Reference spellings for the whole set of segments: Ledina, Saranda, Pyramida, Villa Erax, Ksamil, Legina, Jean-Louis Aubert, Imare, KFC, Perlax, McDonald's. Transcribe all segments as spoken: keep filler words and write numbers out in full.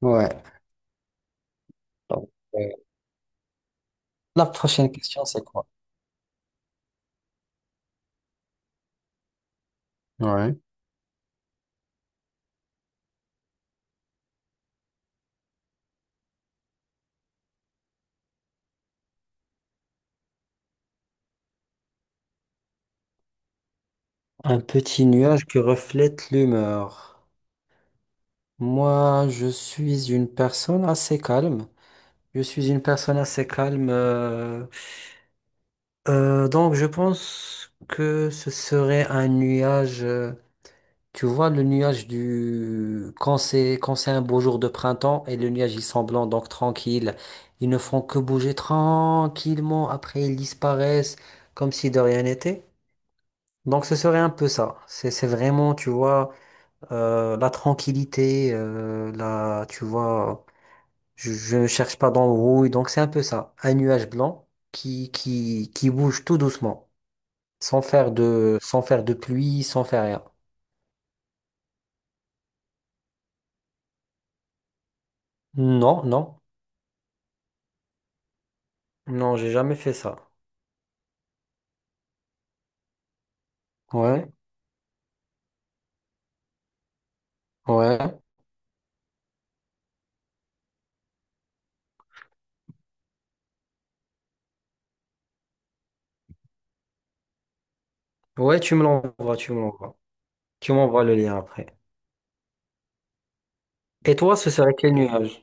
Ouais. Donc, euh, la prochaine question, c'est quoi? Ouais. Un petit nuage qui reflète l'humeur. Moi, je suis une personne assez calme. Je suis une personne assez calme. Euh, euh, donc, je pense que ce serait un nuage. euh, Tu vois, le nuage du... Quand c'est, quand c'est un beau jour de printemps et le nuage, il semble blanc, donc tranquille. Ils ne font que bouger tranquillement. Après, ils disparaissent comme si de rien n'était. Donc ce serait un peu ça. C'est c'est vraiment, tu vois, euh, la tranquillité, euh, la, tu vois, je, je ne cherche pas d'embrouille. Donc c'est un peu ça. Un nuage blanc qui, qui, qui bouge tout doucement, sans faire de, sans faire de pluie, sans faire rien. Non, non, non, j'ai jamais fait ça. Ouais, ouais. Ouais, tu me l'envoies, tu me l'envoies. Tu m'envoies le lien après. Et toi, ce serait quel nuage?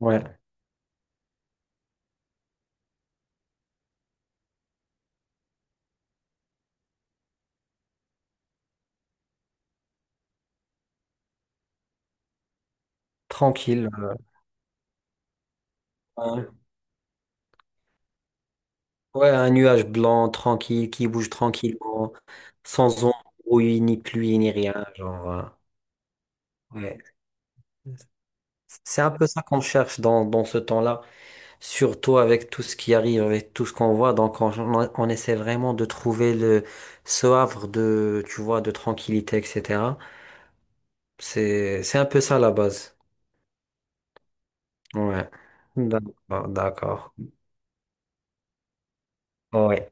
Ouais, tranquille. Ouais. Ouais, un nuage blanc, tranquille, qui bouge tranquillement, sans embrouille, ni pluie, ni rien. Genre, euh, ouais. C'est un peu ça qu'on cherche dans, dans ce temps-là, surtout avec tout ce qui arrive, avec tout ce qu'on voit. Donc, on, on- essaie vraiment de trouver le, ce havre de, tu vois, de tranquillité, et cetera. C'est, c'est un peu ça la base. Ouais. D'accord, d'accord. Ouais.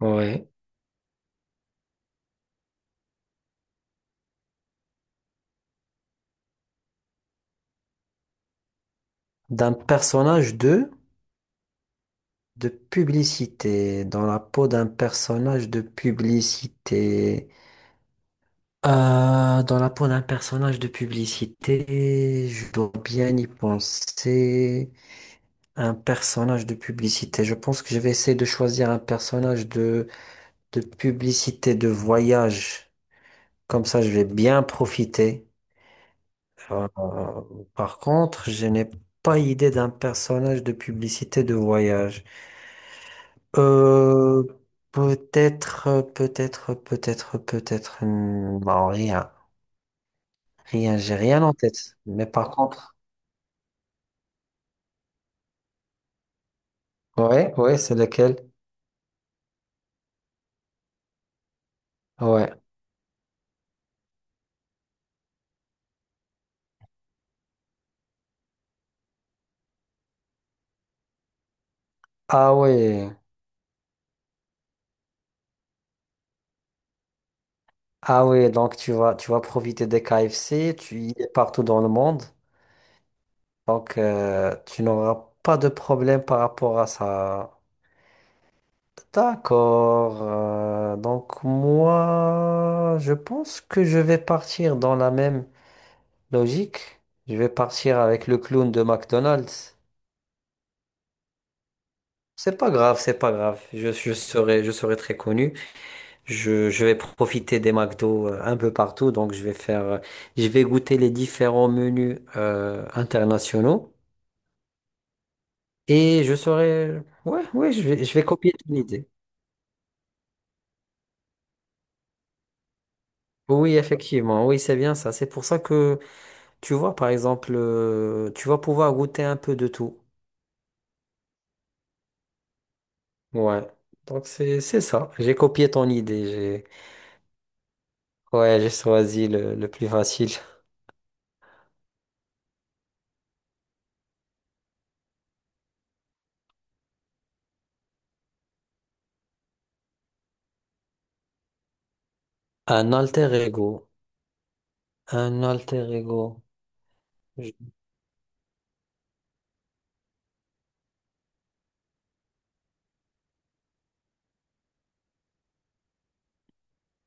Ouais. D'un personnage de... De publicité, dans la peau d'un personnage de publicité. Euh, dans la peau d'un personnage de publicité, je dois bien y penser. Un personnage de publicité. Je pense que je vais essayer de choisir un personnage de, de publicité de voyage. Comme ça, je vais bien profiter. Euh, Par contre, je n'ai pas idée d'un personnage de publicité de voyage. Euh, peut-être, euh, peut-être, peut-être, Peut-être. hmm, Non, rien. Rien, j'ai rien en tête. Mais par contre, ouais, ouais, c'est lequel? Ouais. Ah ouais. Ah ouais, donc tu vas, tu vas profiter des K F C, tu y es partout dans le monde. Donc euh, tu n'auras pas de problème par rapport à ça. D'accord. Euh, donc moi, je pense que je vais partir dans la même. Logique, je vais partir avec le clown de McDonald's. C'est pas grave, c'est pas grave. Je, je serai, je serai très connu. Je, je vais profiter des McDo euh, un peu partout. Donc, je vais faire, euh, je vais goûter les différents menus euh, internationaux. Et je serai, ouais, ouais, je vais, je vais copier ton idée. Oui, effectivement, oui, c'est bien ça. C'est pour ça que, tu vois, par exemple, euh, tu vas pouvoir goûter un peu de tout. Ouais. Donc, c'est, c'est ça. J'ai copié ton idée. J'ai. Ouais, j'ai choisi le, le plus facile. Un alter ego. Un alter ego. Je-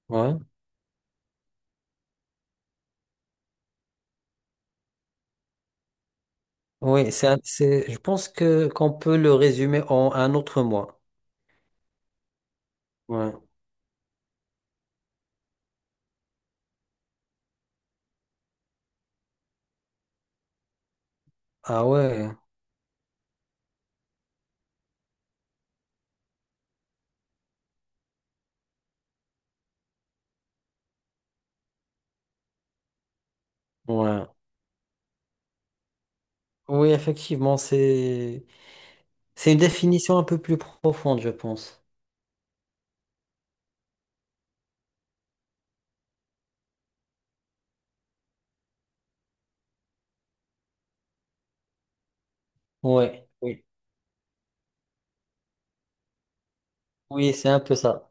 Ouais. Oui, c'est, un- c'est, je pense que qu'on peut le résumer en un autre moi. Ouais. Ah ouais. Ouais. Oui, effectivement, c'est, c'est une définition un peu plus profonde, je pense. Ouais. Oui. Oui, c'est un peu ça.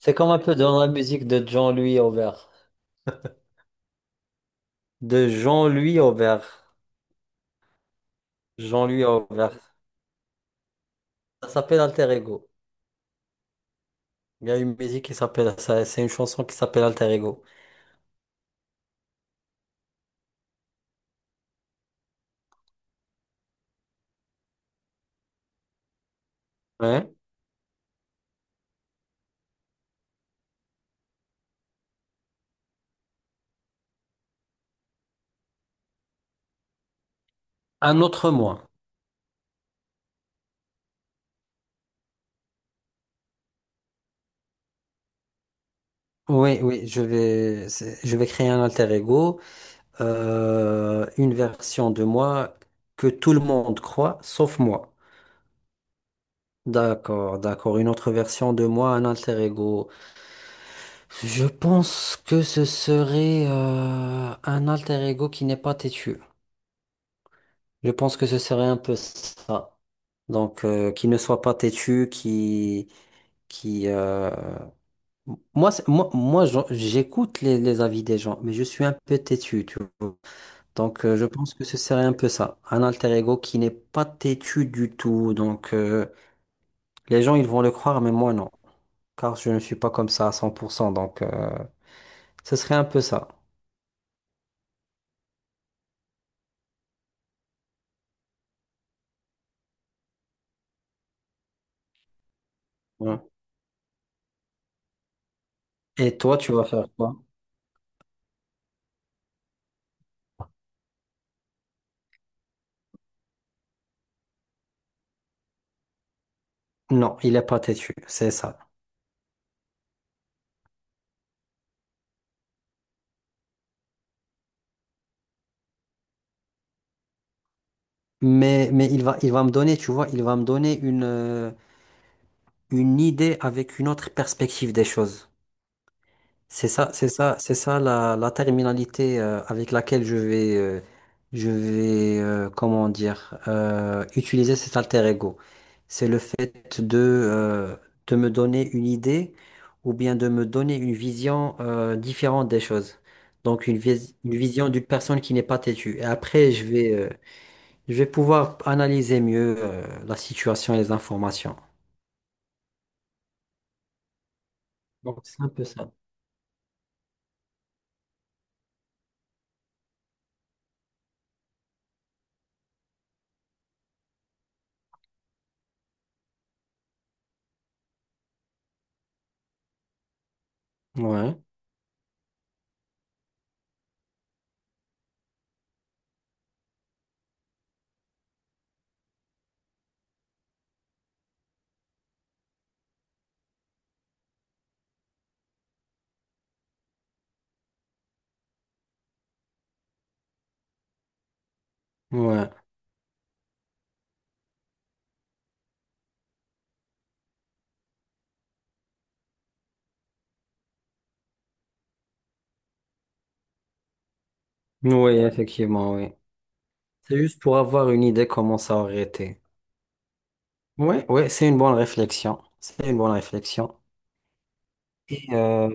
C'est comme un peu dans la musique de Jean-Louis Aubert. De Jean-Louis Aubert. Jean-Louis Aubert. Ça s'appelle alter ego. Il y a une musique qui s'appelle ça, c'est une chanson qui s'appelle Alter Ego. Ouais. Un autre moi. Oui, oui, je vais, c'est- je vais créer un alter ego, euh, une version de moi que tout le monde croit, sauf moi. D'accord, d'accord. Une autre version de moi, un alter ego. Je pense que ce serait euh, un alter ego qui n'est pas têtu. Je pense que ce serait un peu ça. Donc, euh, qui ne soit pas têtu, qui, qui, euh, Moi, c'est- moi, moi j'en- j'écoute les, les avis des gens, mais je suis un peu têtu, tu vois. Donc, euh, je pense que ce serait un peu ça. Un alter ego qui n'est pas têtu du tout. Donc, euh, les gens, ils vont le croire, mais moi, non. Car je ne suis pas comme ça à cent pour cent. Donc, euh, ce serait un peu ça. Ouais. Et toi, tu vas faire quoi? Non, il est pas têtu, c'est ça. Mais, mais il va, il va me donner, tu vois, il va me donner une, euh, une idée avec une autre perspective des choses. C'est ça, c'est ça, c'est ça la, la terminalité euh, avec laquelle je vais, euh, je vais euh, comment dire, euh, utiliser cet alter ego. C'est le fait de, euh, de me donner une idée ou bien de me donner une vision euh, différente des choses. Donc une, vis- une vision d'une personne qui n'est pas têtue. Et après, je vais, euh, je vais pouvoir analyser mieux euh, la situation et les informations. Donc c'est un peu ça. Ouais, ouais. Oui, effectivement, oui. C'est juste pour avoir une idée comment ça aurait été. Ouais, ouais, c'est une bonne réflexion. C'est une bonne réflexion. Et, euh,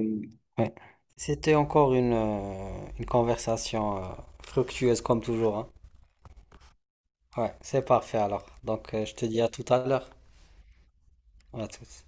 ouais. C'était encore une, euh, une conversation euh, fructueuse comme toujours, hein. Ouais, c'est parfait alors. Donc, euh, je te dis à tout à l'heure. À tous.